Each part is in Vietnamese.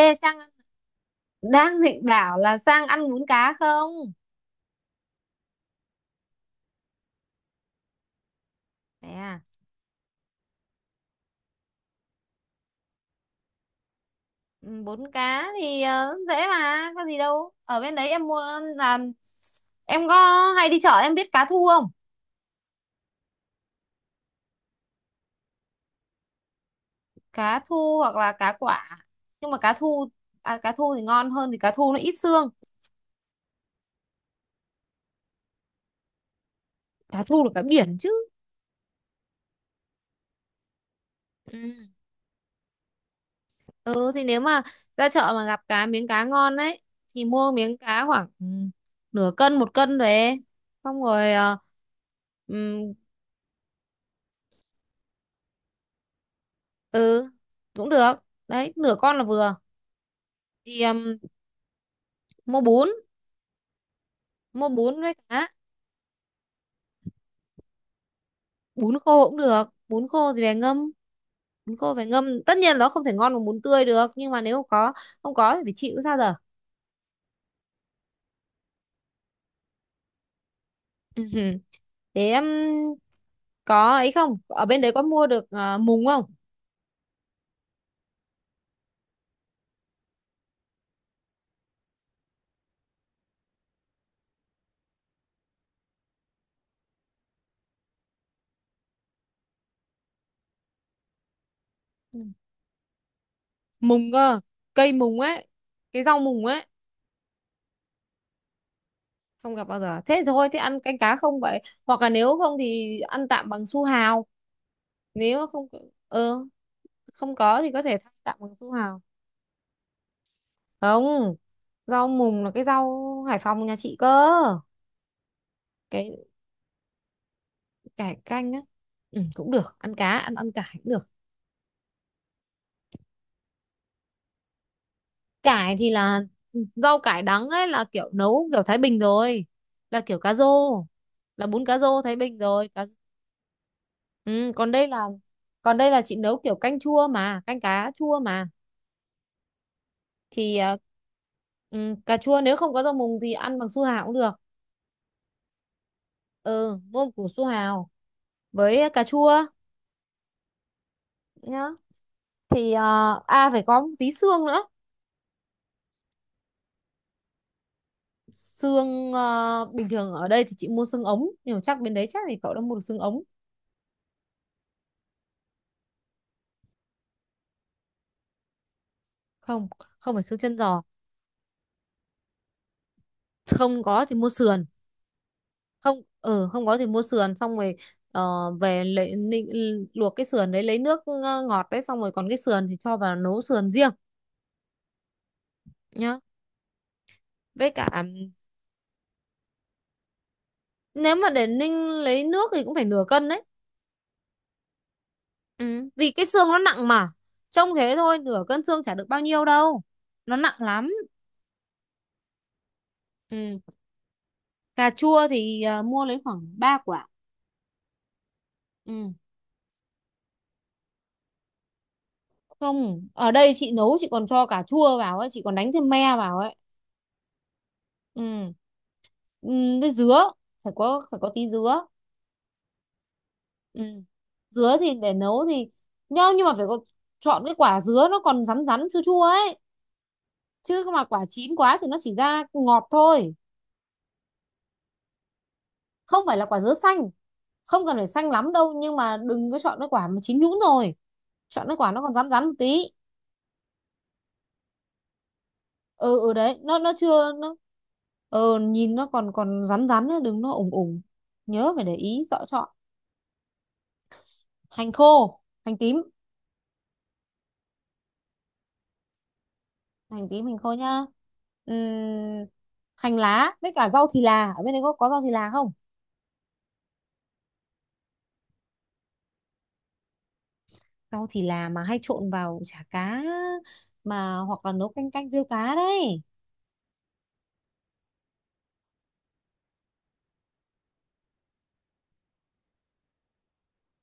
Ê Sang, đang định bảo là Sang ăn bún cá không? Thế à, ừ, bún cá thì dễ mà, có gì đâu. Ở bên đấy em mua là em có hay đi chợ, em biết cá thu không? Cá thu hoặc là cá quả. Nhưng mà cá thu à, cá thu thì ngon hơn vì cá thu nó ít xương. Cá thu là cá biển chứ. Ừ. Ừ thì nếu mà ra chợ mà gặp cá ngon đấy thì mua miếng cá khoảng nửa cân một cân về. Xong rồi ờ, ừ, ừ cũng được, đấy nửa con là vừa. Thì mua bún mua bún với cá. Bún khô cũng được, bún khô thì về ngâm, bún khô phải ngâm, tất nhiên nó không thể ngon bằng bún tươi được nhưng mà nếu không có, không có thì phải chịu sao giờ. Ừ, thế có ấy không, ở bên đấy có mua được mùng không? Ừ. Mùng cơ, cây mùng ấy, cái rau mùng ấy. Không gặp bao giờ, thế thôi, thế ăn canh cá không vậy, hoặc là nếu không thì ăn tạm bằng su hào. Nếu mà không, ừ, không có thì có thể thay tạm bằng su hào. Không, rau mùng là cái rau Hải Phòng nhà chị cơ. Cái cải canh á, ừ, cũng được, ăn cá ăn ăn cải cũng được. Cải thì là ừ, rau cải đắng ấy là kiểu nấu kiểu Thái Bình rồi, là kiểu cá rô, là bún cá rô Thái Bình rồi cá... Ừ, còn đây là, còn đây là chị nấu kiểu canh chua mà, canh cá chua mà. Thì à, ừ, cà chua nếu không có rau mùng thì ăn bằng su hào cũng được. Ừ, mua củ su hào với cà chua nhá. Thì à phải có một tí xương nữa. Xương bình thường ở đây thì chị mua xương ống nhưng mà chắc bên đấy chắc thì cậu đã mua được xương ống. Không, không phải xương chân giò, không có thì mua sườn. Không, ừ, không có thì mua sườn, xong rồi về luộc cái sườn đấy lấy nước ngọt đấy, xong rồi còn cái sườn thì cho vào nấu sườn riêng nhá. Với cả nếu mà để ninh lấy nước thì cũng phải nửa cân đấy. Ừ, vì cái xương nó nặng mà, trông thế thôi nửa cân xương chả được bao nhiêu đâu, nó nặng lắm. Ừ. Cà chua thì à, mua lấy khoảng 3 quả. Ừ. Không, ở đây chị nấu chị còn cho cà chua vào ấy, chị còn đánh thêm me vào ấy. Ừ. Ừ, với dứa, phải có, phải có tí dứa. Ừ. Dứa thì để nấu thì nhá, nhưng mà phải có, chọn cái quả dứa nó còn rắn rắn chua chua ấy. Chứ mà quả chín quá thì nó chỉ ra ngọt thôi. Không phải là quả dứa xanh, không cần phải xanh lắm đâu nhưng mà đừng có chọn cái quả mà chín nhũn rồi. Chọn cái quả nó còn rắn rắn một tí. Ừ ừ, đấy nó chưa nó nhìn nó còn còn rắn rắn nhá, đừng nó ủng ủng, nhớ phải để ý rõ chọn. Hành khô, hành tím, hành tím hành khô nhá. Ừm, Hành lá với cả rau thì là, ở bên đấy có rau thì là không? Rau thì là mà hay trộn vào chả cá mà, hoặc là nấu canh, canh riêu cá đấy.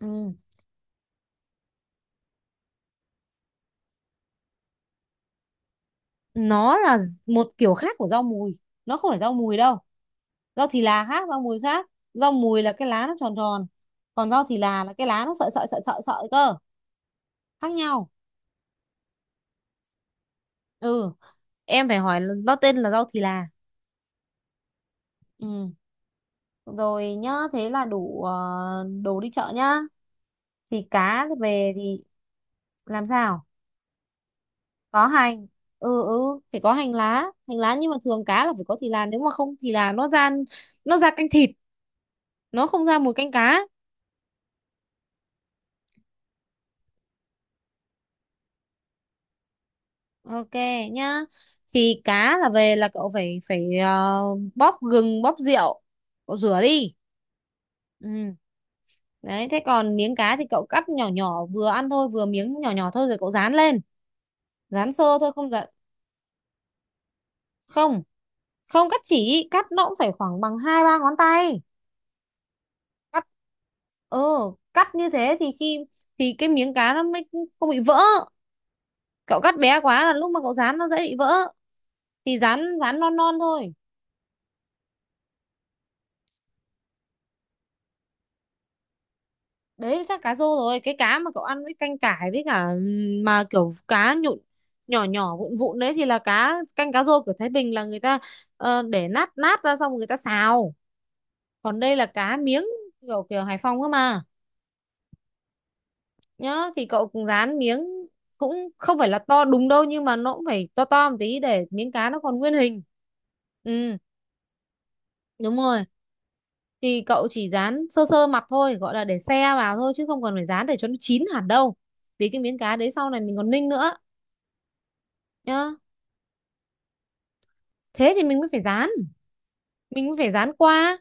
Ừm, nó là một kiểu khác của rau mùi, nó không phải rau mùi đâu, rau thì là khác, rau mùi khác. Rau mùi là cái lá nó tròn tròn, còn rau thì là cái lá nó sợi sợi sợi sợi sợi cơ, khác nhau. Ừ, em phải hỏi là- nó tên là rau thì là. Ừ, rồi nhá, thế là đủ đồ đi chợ nhá. Thì cá về thì làm sao, có hành, ừ ừ phải có hành lá. Hành lá, nhưng mà thường cá là phải có thì là, nếu mà không thì là nó ra, nó ra canh thịt, nó không ra mùi canh cá. Ok nhá. Thì cá là về là cậu phải phải bóp gừng, bóp rượu, cậu rửa đi. Ừ. Đấy, thế còn miếng cá thì cậu cắt nhỏ nhỏ vừa ăn thôi, vừa miếng nhỏ nhỏ thôi rồi cậu rán lên. Rán sơ thôi không dặn, không, không cắt chỉ, cắt nó cũng phải khoảng bằng hai ba ngón tay. Cắt ừ, cắt như thế thì khi thì cái miếng cá nó mới không bị vỡ. Cậu cắt bé quá là lúc mà cậu rán nó dễ bị vỡ. Thì rán rán non non thôi. Đấy chắc cá rô rồi, cái cá mà cậu ăn với canh cải với cả mà kiểu cá nhụn nhỏ nhỏ vụn vụn đấy thì là cá canh, cá rô của Thái Bình là người ta để nát nát ra xong người ta xào. Còn đây là cá miếng, kiểu kiểu Hải Phòng cơ mà. Nhá thì cậu cũng rán miếng, cũng không phải là to đúng đâu nhưng mà nó cũng phải to to một tí để miếng cá nó còn nguyên hình. Ừ, đúng rồi, thì cậu chỉ rán sơ sơ mặt thôi, gọi là để xe vào thôi chứ không cần phải rán để cho nó chín hẳn đâu, vì cái miếng cá đấy sau này mình còn ninh nữa. Nhá, thế thì mình mới phải dán, mình mới phải dán qua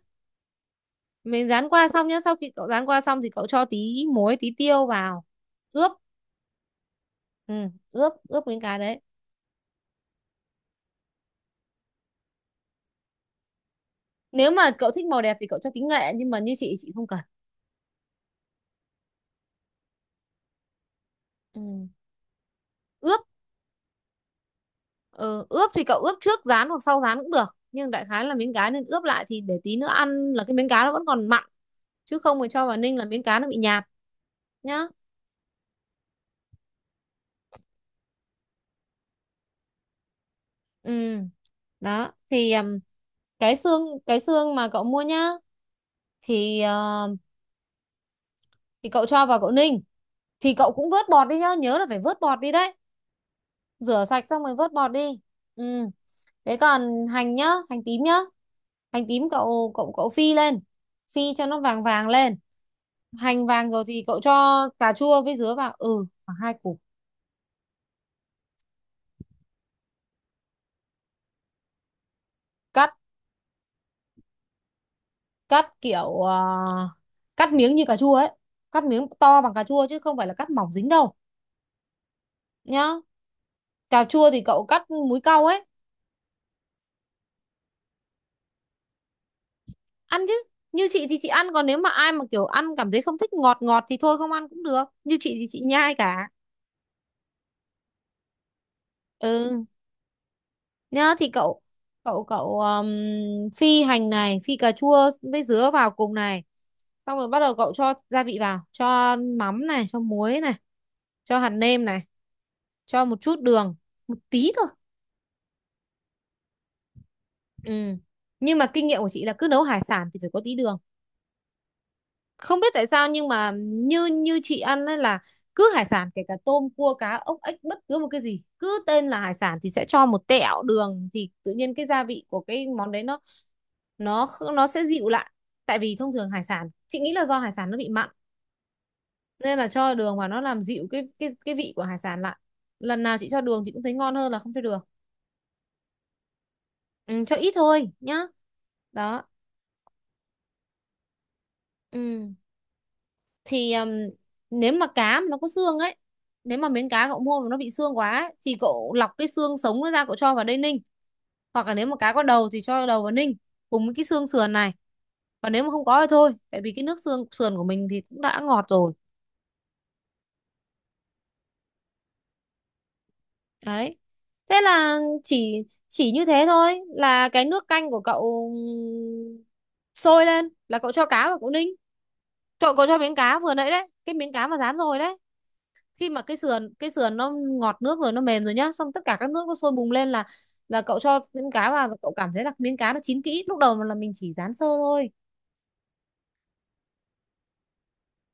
mình dán qua xong nhá, sau khi cậu dán qua xong thì cậu cho tí muối tí tiêu vào ướp. Ừ, ướp ướp miếng cá đấy. Nếu mà cậu thích màu đẹp thì cậu cho tí nghệ nhưng mà như chị không cần. Ừ. Ướp, ừ, ướp thì cậu ướp trước rán hoặc sau rán cũng được nhưng đại khái là miếng cá nên ướp lại thì để tí nữa ăn là cái miếng cá nó vẫn còn mặn, chứ không thì cho vào ninh là miếng cá nó bị nhạt nhá. Ừ, đó thì cái xương, mà cậu mua nhá thì thì cậu cho vào cậu ninh, thì cậu cũng vớt bọt đi nhá, nhớ là phải vớt bọt đi đấy, rửa sạch xong rồi vớt bọt đi. Ừ, thế còn hành nhá, hành tím nhá, hành tím cậu cậu cậu phi lên, phi cho nó vàng vàng lên. Hành vàng rồi thì cậu cho cà chua với dứa vào. Ừ, khoảng hai củ. Cắt cắt kiểu à, cắt miếng như cà chua ấy, cắt miếng to bằng cà chua chứ không phải là cắt mỏng dính đâu nhá. Cà chua thì cậu cắt múi cau ấy. Ăn chứ, như chị thì chị ăn, còn nếu mà ai mà kiểu ăn cảm thấy không thích ngọt ngọt thì thôi không ăn cũng được, như chị thì chị nhai cả. Ừ, nhá thì cậu cậu cậu phi hành này, phi cà chua với dứa vào cùng này, xong rồi bắt đầu cậu cho gia vị vào, cho mắm này, cho muối này, cho hạt nêm này, cho một chút đường, một tí thôi. Ừ, nhưng mà kinh nghiệm của chị là cứ nấu hải sản thì phải có tí đường, không biết tại sao nhưng mà như như chị ăn ấy là cứ hải sản kể cả tôm cua cá ốc ếch bất cứ một cái gì cứ tên là hải sản thì sẽ cho một tẹo đường thì tự nhiên cái gia vị của cái món đấy nó sẽ dịu lại. Tại vì thông thường hải sản chị nghĩ là do hải sản nó bị mặn, nên là cho đường vào nó làm dịu cái vị của hải sản lại. Lần nào chị cho đường chị cũng thấy ngon hơn là không cho đường. Ừ, cho ít thôi nhá, đó. Ừ, thì nếu mà cá mà nó có xương ấy, nếu mà miếng cá cậu mua mà nó bị xương quá ấy, thì cậu lọc cái xương sống nó ra cậu cho vào đây ninh, hoặc là nếu mà cá có đầu thì cho đầu vào ninh cùng với cái xương sườn này. Và nếu mà không có thì thôi, tại vì cái nước xương sườn của mình thì cũng đã ngọt rồi. Đấy, thế là chỉ như thế thôi, là cái nước canh của cậu sôi lên là cậu cho cá vào cậu ninh, cậu cậu cho miếng cá vừa nãy đấy, cái miếng cá mà rán rồi đấy. Khi mà cái sườn nó ngọt nước rồi, nó mềm rồi nhá, xong tất cả các nước nó sôi bùng lên là cậu cho miếng cá vào, cậu cảm thấy là miếng cá nó chín kỹ, lúc đầu là mình chỉ rán sơ thôi.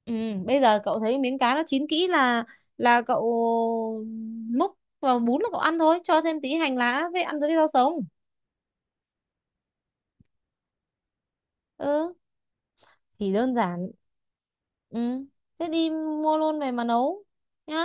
Ừ, bây giờ cậu thấy miếng cá nó chín kỹ là cậu múc vào bún là cậu ăn thôi, cho thêm tí hành lá với ăn với rau sống. Ừ, thì đơn giản, ừ, thế đi mua luôn về mà nấu nhá.